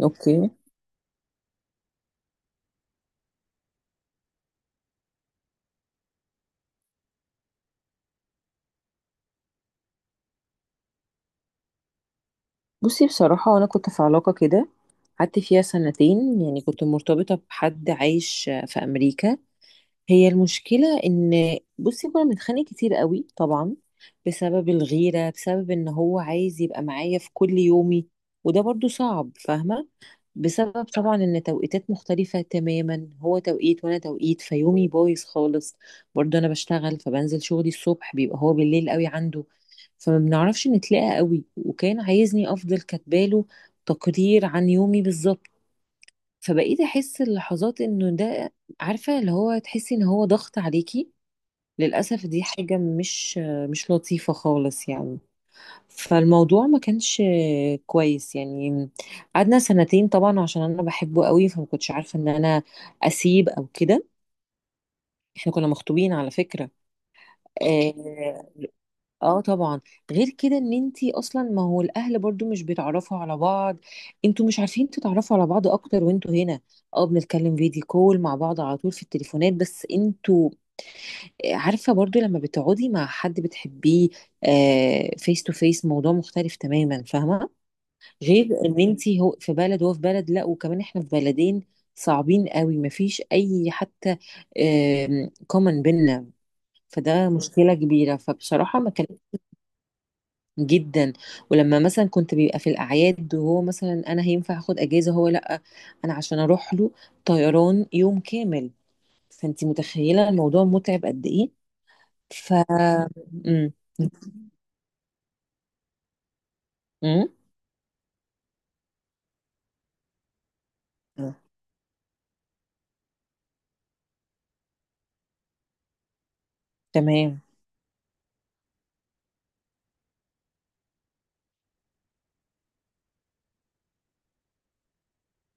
اوكي. بصي، بصراحة انا كنت في علاقة كده، قعدت فيها سنتين، يعني كنت مرتبطة بحد عايش في امريكا. هي المشكلة ان بصي كنا بنتخانق كتير قوي طبعا، بسبب الغيرة، بسبب ان هو عايز يبقى معايا في كل يومي، وده برضو صعب، فاهمة؟ بسبب طبعا ان توقيتات مختلفة تماما، هو توقيت وانا توقيت، فيومي بايظ خالص. برضه انا بشتغل، فبنزل شغلي الصبح، بيبقى هو بالليل قوي عنده، فما بنعرفش نتلاقى قوي، وكان عايزني افضل كاتباله تقرير عن يومي بالظبط. فبقيت احس اللحظات انه ده، عارفة اللي هو تحسي ان هو ضغط عليكي، للأسف دي حاجة مش لطيفة خالص يعني. فالموضوع ما كانش كويس يعني. قعدنا سنتين طبعا عشان انا بحبه قوي، فما كنتش عارفه ان انا اسيب او كده. احنا كنا مخطوبين على فكره. اه. آه طبعا. غير كده ان انتي اصلا، ما هو الاهل برضو مش بيتعرفوا على بعض، انتوا مش عارفين تتعرفوا على بعض اكتر وانتوا هنا. اه، بنتكلم فيديو كول مع بعض على طول في التليفونات، بس انتوا، عارفه برضو لما بتقعدي مع حد بتحبيه فيس تو فيس موضوع مختلف تماما، فاهمه؟ غير ان انت هو في بلد وهو في بلد، لا وكمان احنا في بلدين صعبين قوي، مفيش اي حتى كومن بينا. فده مشكله كبيره، فبصراحه ما كان. جدا. ولما مثلا كنت بيبقى في الاعياد، وهو مثلا انا هينفع اخد اجازه هو لا، انا عشان اروح له طيران يوم كامل، فانت متخيله الموضوع متعب قد ايه. ف امم امم تمام.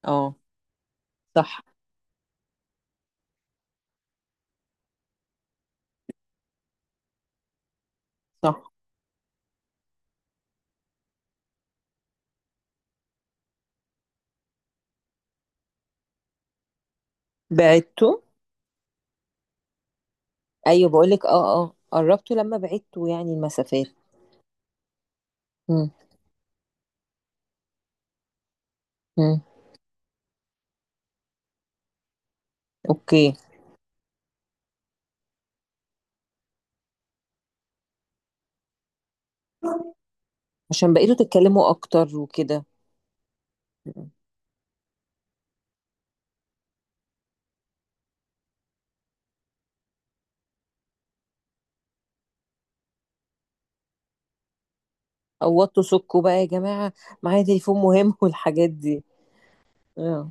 اه، صح، صح. بعته. ايوه بقولك، اه اه، قربتوا لما بعدتوا يعني المسافات. مم. مم. اوكي. عشان بقيتوا تتكلموا اكتر وكده. مم. قوضتوا سكوا بقى يا جماعة! معايا تليفون مهم والحاجات دي. اه.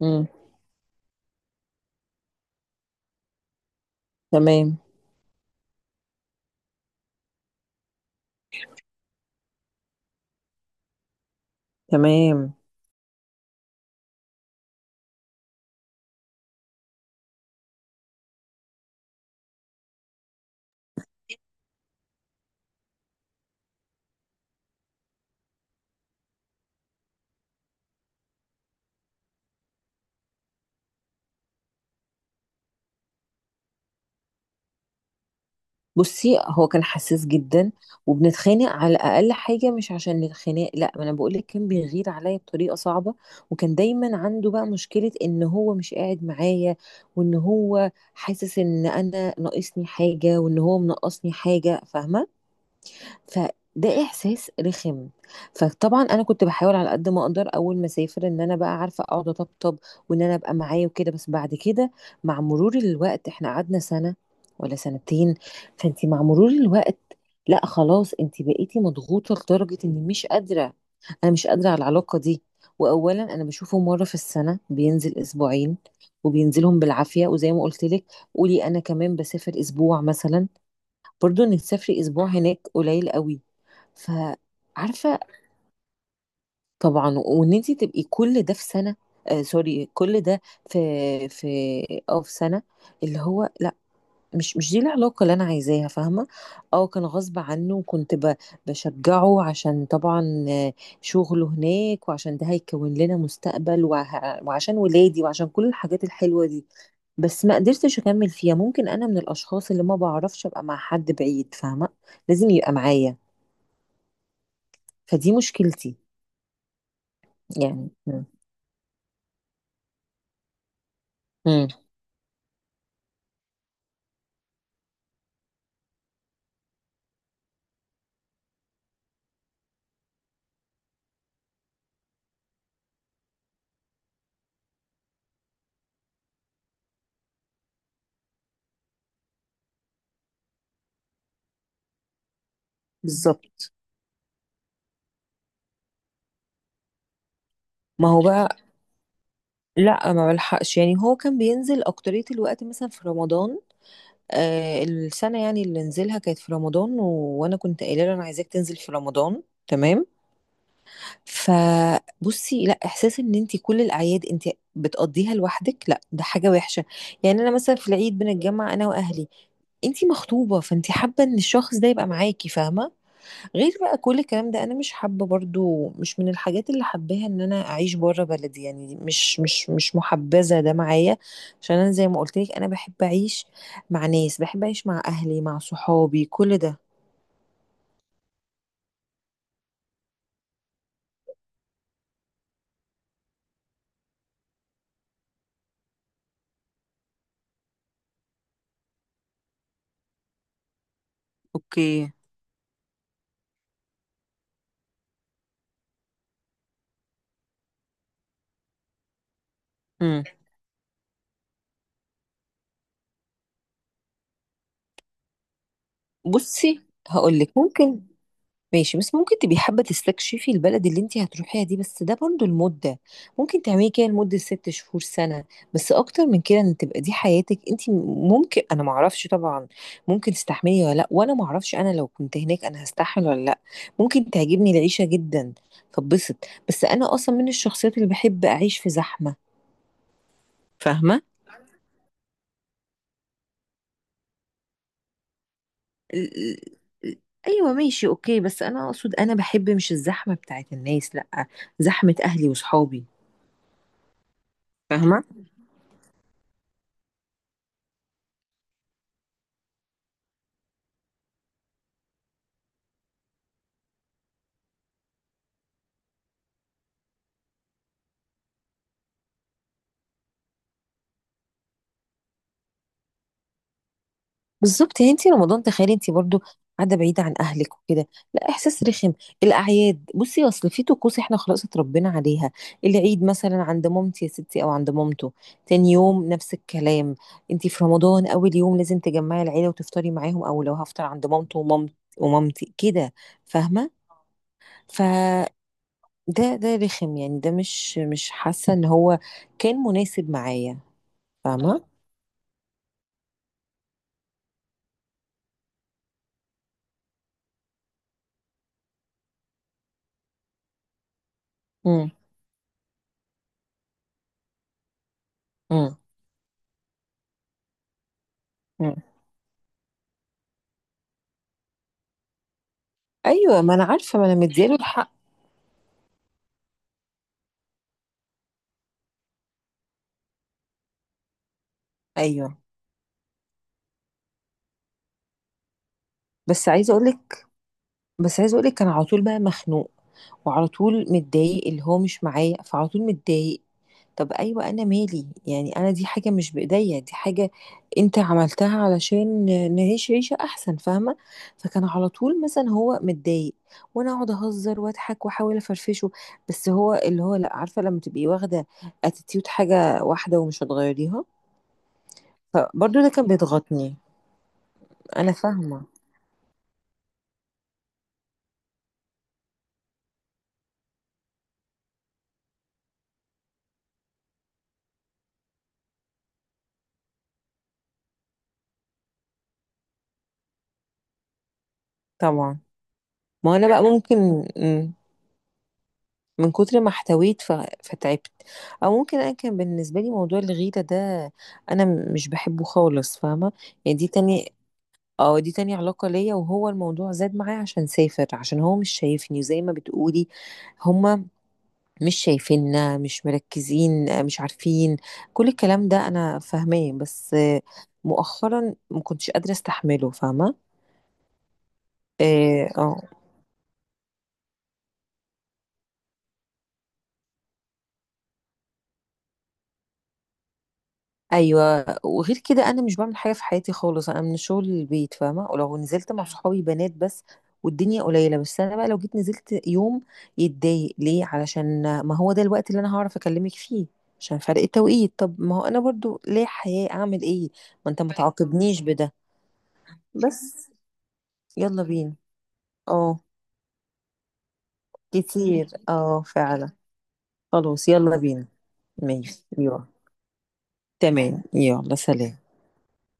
مم. تمام. تمام. بصي، هو كان حساس جدا، وبنتخانق على اقل حاجه، مش عشان الخناق لا، ما انا بقول لك كان بيغير عليا بطريقه صعبه. وكان دايما عنده بقى مشكله ان هو مش قاعد معايا. وان هو حاسس ان انا ناقصني حاجه، وان هو منقصني حاجه، فاهمه؟ فده احساس رخم. فطبعا انا كنت بحاول على قد ما اقدر، اول ما اسافر ان انا بقى عارفه اقعد اطبطب، وان انا ابقى معاه وكده. بس بعد كده مع مرور الوقت، احنا قعدنا سنه ولا سنتين، فانت مع مرور الوقت، لا خلاص انت بقيتي مضغوطه لدرجه اني مش قادره. انا مش قادره على العلاقه دي. واولا انا بشوفه مره في السنه، بينزل اسبوعين، وبينزلهم بالعافيه، وزي ما قلت لك قولي انا كمان بسافر اسبوع مثلا، برضو انك تسافري اسبوع هناك قليل قوي، فعارفه. طبعا، وان انت تبقي كل ده في سنه. سوري، كل ده في في اه في سنه، اللي هو لا، مش دي العلاقه اللي انا عايزاها، فاهمه؟ اه، كان غصب عنه، وكنت بشجعه عشان طبعا شغله هناك، وعشان ده هيكون لنا مستقبل وعشان ولادي وعشان كل الحاجات الحلوه دي. بس ما قدرتش اكمل فيها، ممكن انا من الاشخاص اللي ما بعرفش ابقى مع حد بعيد، فاهمه؟ لازم يبقى معايا، فدي مشكلتي. يعني. مم. بالظبط. ما هو بقى، لا ما بلحقش، يعني هو كان بينزل اكترية الوقت مثلا في رمضان، السنة يعني اللي نزلها كانت في رمضان وانا كنت قايله له انا عايزاك تنزل في رمضان، تمام. فبصي لا، احساس ان انت كل الاعياد انت بتقضيها لوحدك، لا ده حاجة وحشة. يعني انا مثلا في العيد بنتجمع انا واهلي، انت مخطوبة فانت حابة ان الشخص ده يبقى معاكي، فاهمة؟ غير بقى كل الكلام ده انا مش حابه، برضو مش من الحاجات اللي حباها ان انا اعيش بره بلدي، يعني دي مش محبذه ده معايا. عشان انا زي ما قلت لك، انا بحب اعيش مع ناس، بحب اعيش مع اهلي مع صحابي كل ده. اوكي. امم. بصي، هقول لك، ممكن ماشي بس ممكن تبقي حابة تستكشفي البلد اللي انت هتروحيها دي، بس ده برضو المدة ممكن تعملي كده لمدة 6 شهور سنة. بس اكتر من كده ان تبقى دي حياتك انت، ممكن، انا معرفش طبعا، ممكن تستحملي ولا لا، وانا معرفش انا لو كنت هناك انا هستحمل ولا لا، ممكن تعجبني العيشة جدا. فبسط. بس انا اصلا من الشخصيات اللي بحب اعيش في زحمة، فاهمة؟ ال- ال- ايوه ماشي اوكي، بس انا اقصد انا بحب مش الزحمة بتاعت الناس لا، زحمة اهلي وصحابي، فاهمة؟ بالظبط، يعني انت رمضان تخيلي انت برضو قاعده بعيده عن اهلك وكده، لا احساس رخم. الاعياد بصي، اصل في طقوس احنا خلاص اتربينا عليها، العيد مثلا عند مامتي يا ستي او عند مامته، تاني يوم نفس الكلام، انت في رمضان اول يوم لازم تجمعي العيله وتفطري معاهم، او لو هفطر عند مامته ومامت ومامتي كده، فاهمه؟ فده، ده رخم يعني، ده مش حاسه ان هو كان مناسب معايا، فاهمه؟ امم امم امم. ايوه، ما انا عارفه ما انا مدياله الحق. ايوه. بس عايزه اقول لك بس عايزه اقول لك كان على طول بقى مخنوق، وعلى طول متضايق اللي هو مش معايا، فعلى طول متضايق. طب ايوه انا مالي، يعني انا دي حاجه مش بايديا، دي حاجه انت عملتها علشان نعيش عيشه احسن، فاهمه؟ فكان على طول مثلا هو متضايق، وانا اقعد اهزر واضحك واحاول افرفشه، بس هو اللي هو لا، عارفه لما تبقي واخده اتيتيود حاجه واحده ومش هتغيريها، فبرضه ده كان بيضغطني. انا فاهمه طبعا، ما انا بقى ممكن. مم. من كتر ما احتويت فتعبت. او ممكن انا كان بالنسبه لي موضوع الغيره ده، انا مش بحبه خالص فاهمه. يعني دي تاني، اه دي تاني علاقه ليا، وهو الموضوع زاد معايا عشان سافر، عشان هو مش شايفني، وزي ما بتقولي هما مش شايفيننا مش مركزين مش عارفين، كل الكلام ده انا فاهماه، بس مؤخرا ما كنتش قادره استحمله، فاهمه؟ اه. ايوه، وغير كده انا مش بعمل حاجه في حياتي خالص، انا من الشغل للبيت فاهمه، ولو نزلت مع صحابي بنات بس والدنيا قليله، بس انا بقى لو جيت نزلت يوم يتضايق ليه، علشان ما هو ده الوقت اللي انا هعرف اكلمك فيه عشان فرق التوقيت، طب ما هو انا برضو ليه حياه، اعمل ايه؟ ما انت ما أيوة. تعاقبنيش بده. بس. يلا بينا. اه. كتير، اه فعلا. خلاص يلا بينا. ماشي يلا. تمام، يلا سلام.